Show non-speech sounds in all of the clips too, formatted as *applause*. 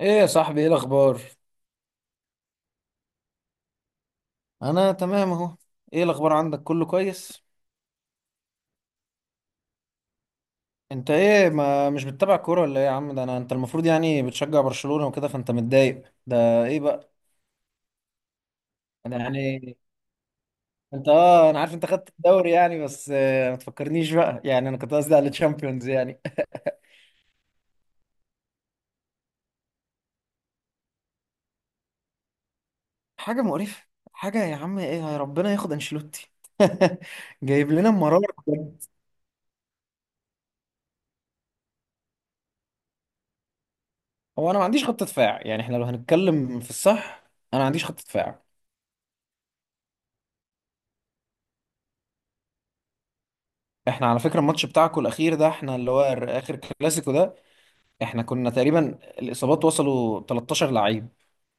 ايه يا صاحبي، ايه الاخبار؟ انا تمام اهو. ايه الاخبار عندك؟ كله كويس؟ انت ايه، ما مش بتتابع كوره ولا ايه يا عم؟ ده انا انت المفروض يعني بتشجع برشلونه وكده، فانت متضايق ده ايه بقى؟ انا يعني انت اه انا عارف انت خدت الدوري يعني، بس ما تفكرنيش بقى، يعني انا كنت قصدي على الشامبيونز يعني. *laughs* حاجه مقرفه. حاجه يا عم، ايه يا ربنا ياخد انشيلوتي. *laughs* جايب لنا مرار بجد. هو انا ما عنديش خط دفاع، يعني احنا لو هنتكلم في الصح انا ما عنديش خط دفاع. احنا على فكرة الماتش بتاعكم الأخير ده، احنا اللي هو آخر كلاسيكو ده احنا كنا تقريبا الإصابات وصلوا 13 لعيب.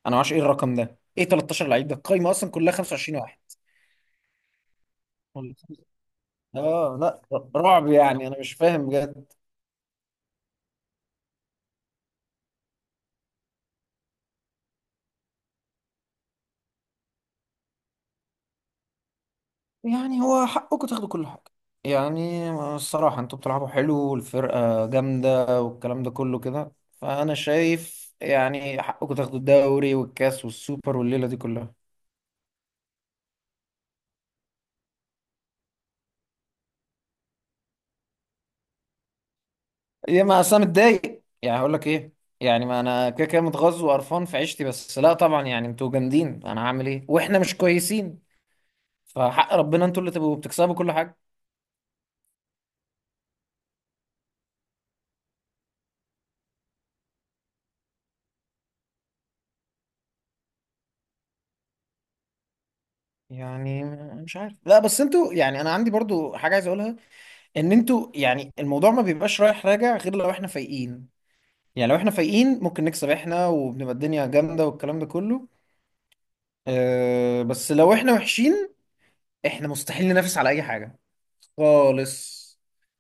أنا ما اعرفش إيه الرقم ده، إيه 13 لعيب؟ ده القايمة أصلا كلها 25 واحد ولا خمسة. آه لا، رعب يعني، أنا مش فاهم بجد. يعني هو حقكم تاخدوا كل حاجة، يعني الصراحة أنتوا بتلعبوا حلو والفرقة جامدة والكلام ده كله كده، فأنا شايف يعني حقكم تاخدوا الدوري والكاس والسوبر والليلة دي كلها. يا ما اصل انا متضايق، يعني هقول لك ايه، يعني ما انا كده كده متغاظ وقرفان في عيشتي، بس لا طبعا يعني انتوا جامدين، انا هعمل ايه واحنا مش كويسين. فحق ربنا انتوا اللي تبقوا بتكسبوا كل حاجه. يعني مش عارف، لا بس انتوا يعني انا عندي برضو حاجه عايز اقولها، ان انتوا يعني الموضوع ما بيبقاش رايح راجع غير لو احنا فايقين. يعني لو احنا فايقين ممكن نكسب احنا وبنبقى الدنيا جامده والكلام ده كله. أه بس لو احنا وحشين احنا مستحيل ننافس على اي حاجه خالص.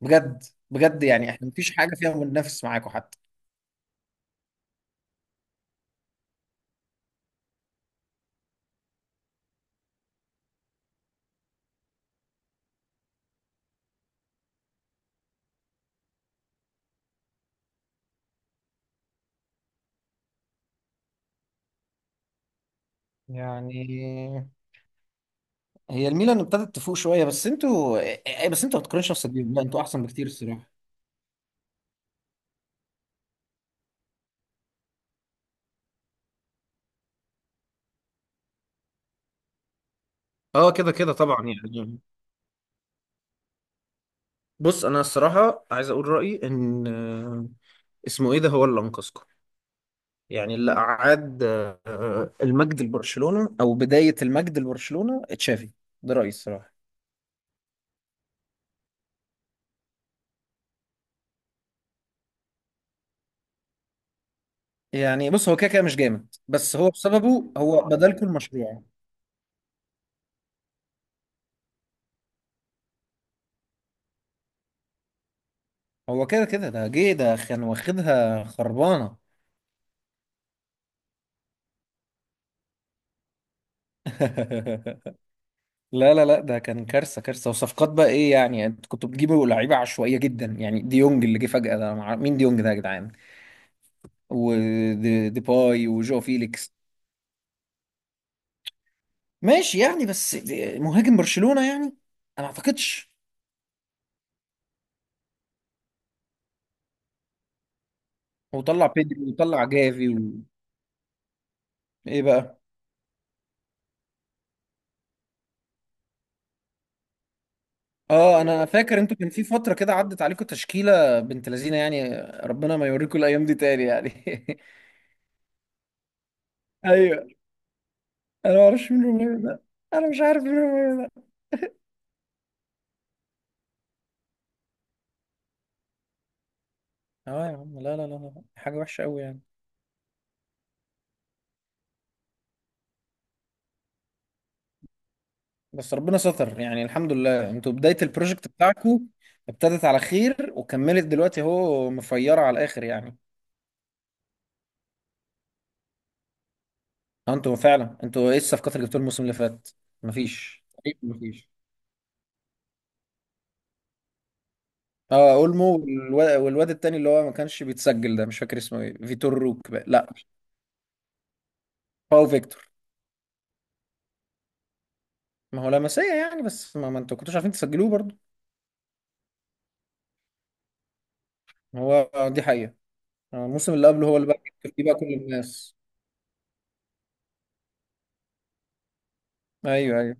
بجد، بجد يعني احنا مفيش حاجة فيها بننافس معاكم حتى. يعني هي الميلان ابتدت تفوق شوية، بس انتوا ما تقارنش نفسك بيهم، لا انتوا احسن بكتير الصراحة. اه كده كده طبعا يعني. بص انا الصراحه عايز اقول رايي ان اسمه ايه ده، هو اللي انقذكم، يعني اللي اعاد المجد لبرشلونه، او بدايه المجد لبرشلونه، تشافي. ده رايي الصراحه. يعني بص، هو كده كده مش جامد، بس هو بسببه، هو بدلكوا المشروع. هو كده كده ده كان واخدها خربانة. *laughs* لا، ده كان كارثة كارثة. وصفقات بقى، ايه يعني؟ انت كنت بتجيبوا لعيبة عشوائية جدا، يعني ديونج اللي جه فجأة ده مين ديونج ده يا جدعان؟ وديباي وجو فيليكس. ماشي يعني، بس مهاجم برشلونة يعني، انا ما اعتقدش. وطلع بيدري وطلع جافي. ايه بقى؟ اه انا فاكر انتوا كان في فترة كده عدت عليكم تشكيلة بنت لذينة يعني. ربنا ما يوريكم الايام دي تاني يعني. *laughs* ايوه. انا ما اعرفش مين روميو ده، انا مش عارف مين روميو ده. اه يا عم، لا، حاجة وحشة قوي يعني. بس ربنا ستر، يعني الحمد لله انتوا بداية البروجكت بتاعكم ابتدت على خير، وكملت دلوقتي اهو مفيرة على الآخر يعني. اه انتوا فعلا، انتوا ايه الصفقات اللي جبتوها الموسم اللي فات؟ مفيش تقريبا، مفيش. اه اولمو، والواد التاني اللي هو ما كانش بيتسجل ده، مش فاكر اسمه ايه، فيتور روك بقى. لا، هو فيكتور. ما هو لاماسيا يعني، بس ما انتوا كنتوش عارفين تسجلوه برضه. هو دي حقيقة. الموسم اللي قبله هو اللي بقى كان فيه بقى كل الناس. ايوه ايوه.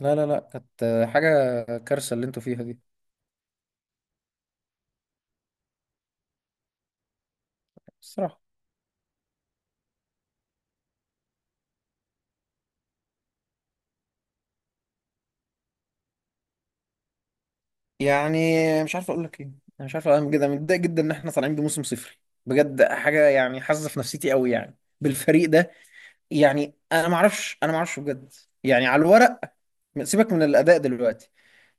لا، كانت حاجه كارثه اللي انتوا فيها دي الصراحه. يعني مش عارف اقول لك ايه، انا مش عارف، انا جدا متضايق جدا ان احنا طالعين بموسم صفري. بجد حاجه يعني حاسه في نفسيتي قوي يعني بالفريق ده. يعني انا ما اعرفش بجد. يعني على الورق، سيبك من الاداء دلوقتي،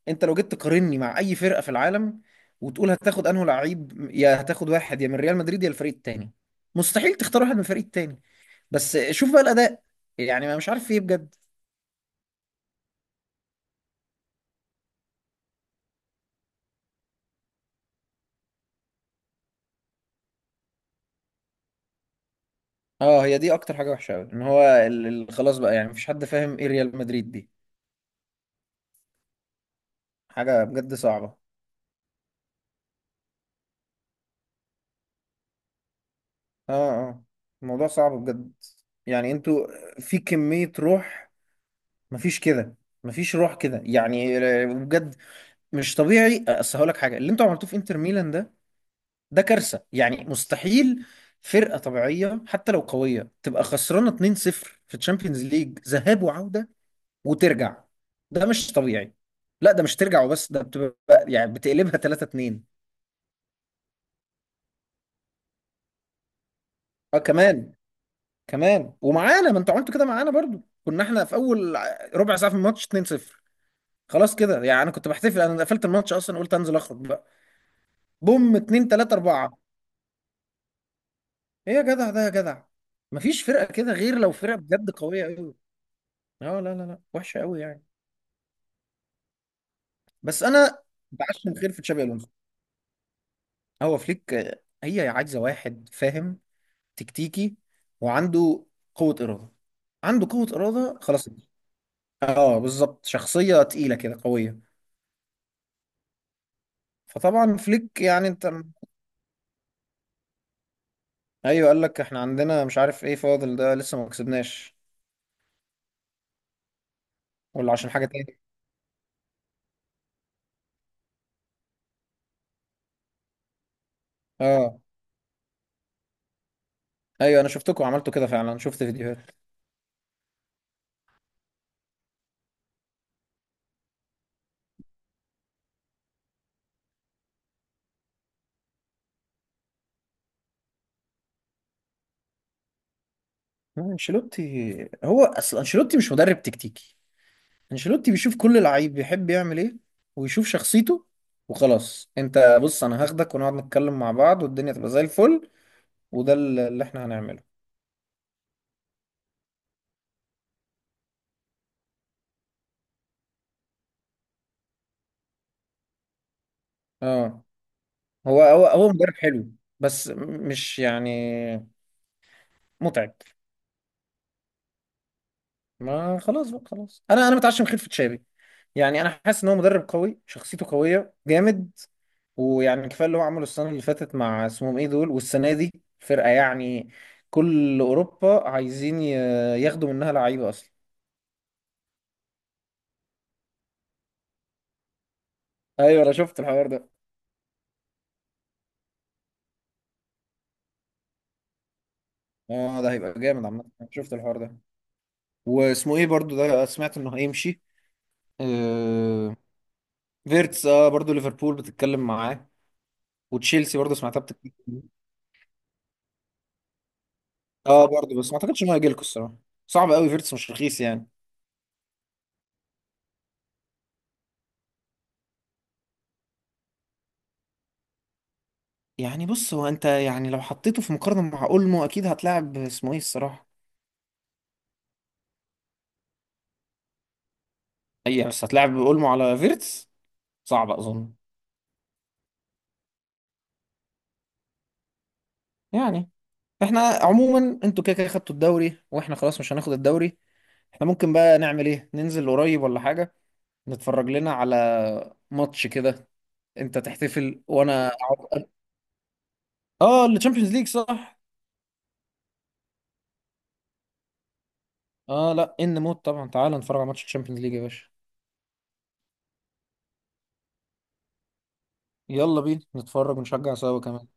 انت لو جيت تقارني مع اي فرقه في العالم وتقول هتاخد انه لعيب، يا هتاخد واحد يا من ريال مدريد يا الفريق التاني، مستحيل تختار واحد من الفريق التاني. بس شوف بقى الاداء، يعني ما مش عارف فيه بجد. اه هي دي اكتر حاجه وحشه قوي، ان هو خلاص بقى يعني، مفيش حد فاهم ايه ريال مدريد دي. حاجه بجد صعبه. اه، اه. الموضوع صعب بجد. يعني انتوا في كميه روح، مفيش كده، مفيش روح كده يعني. بجد، مش طبيعي. اصل هقول لك حاجه، اللي انتوا عملتوه في انتر ميلان ده، ده كارثه يعني. مستحيل فرقه طبيعيه حتى لو قويه تبقى خسرانه 2-0 في تشامبيونز ليج ذهاب وعوده وترجع. ده مش طبيعي. لا ده مش ترجع وبس، ده بتبقى يعني بتقلبها 3-2. اه كمان، كمان ومعانا. ما انتوا عملتوا كده معانا برضو، كنا احنا في اول ربع ساعه في الماتش 2-0. خلاص كده يعني انا كنت بحتفل، انا قفلت الماتش اصلا، قلت انزل اخرج بقى. بوم 2 3 4. ايه يا جدع ده يا جدع؟ مفيش فرقه كده غير لو فرقه بجد قويه قوي. اه لا، وحشه قوي يعني. بس انا بعشم خير في تشابي الونسو. هو فليك هي عايزه واحد فاهم، تكتيكي، وعنده قوة إرادة. عنده قوة إرادة خلاص. اه بالظبط، شخصية تقيلة كده قوية. فطبعا فليك يعني انت. ايوه قال لك احنا عندنا مش عارف ايه فاضل ده، لسه ما كسبناش ولا عشان حاجة تاني. اه ايوه، انا شفتكم عملتوا كده فعلا، شفت فيديوهات. انشيلوتي، هو اصل انشيلوتي مش مدرب تكتيكي. انشيلوتي بيشوف كل لعيب بيحب يعمل ايه، ويشوف شخصيته وخلاص. انت بص، انا هاخدك ونقعد نتكلم مع بعض والدنيا تبقى زي الفل، وده اللي احنا هنعمله. اه هو مدرب حلو، بس مش يعني متعب. ما خلاص بقى، خلاص انا متعشم خلفة شابي. يعني انا حاسس ان هو مدرب قوي، شخصيته قويه جامد، ويعني كفايه اللي هو عمله السنه اللي فاتت مع اسمهم ايه دول، والسنه دي فرقه يعني كل اوروبا عايزين ياخدوا منها لعيبه اصلا. ايوه انا شفت الحوار ده. اه ده هيبقى جامد عامه، أنا شفت الحوار ده. واسمه ايه برضو ده، سمعت انه هيمشي. آه فيرتس، اه برضو ليفربول بتتكلم معاه وتشيلسي برضه سمعتها بتتكلم. اه برضه، بس ما اعتقدش انه هيجيلكوا الصراحه. صعب قوي، فيرتس مش رخيص يعني. يعني بص، هو انت يعني لو حطيته في مقارنه مع اولمو اكيد هتلاعب اسمه ايه الصراحه. اي بس هتلاعب اولمو على فيرتس؟ صعب اظن. يعني احنا عموما انتوا كده كده خدتوا الدوري، واحنا خلاص مش هناخد الدوري. احنا ممكن بقى نعمل ايه، ننزل قريب ولا حاجه؟ نتفرج لنا على ماتش كده، انت تحتفل وانا اقعد. اه التشامبيونز ليج صح. اه لا ان موت طبعا، تعال نتفرج على ماتش الشامبيونز ليج يا باشا. يلا بينا نتفرج ونشجع سوا كمان.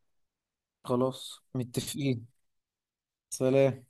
خلاص متفقين. سلام.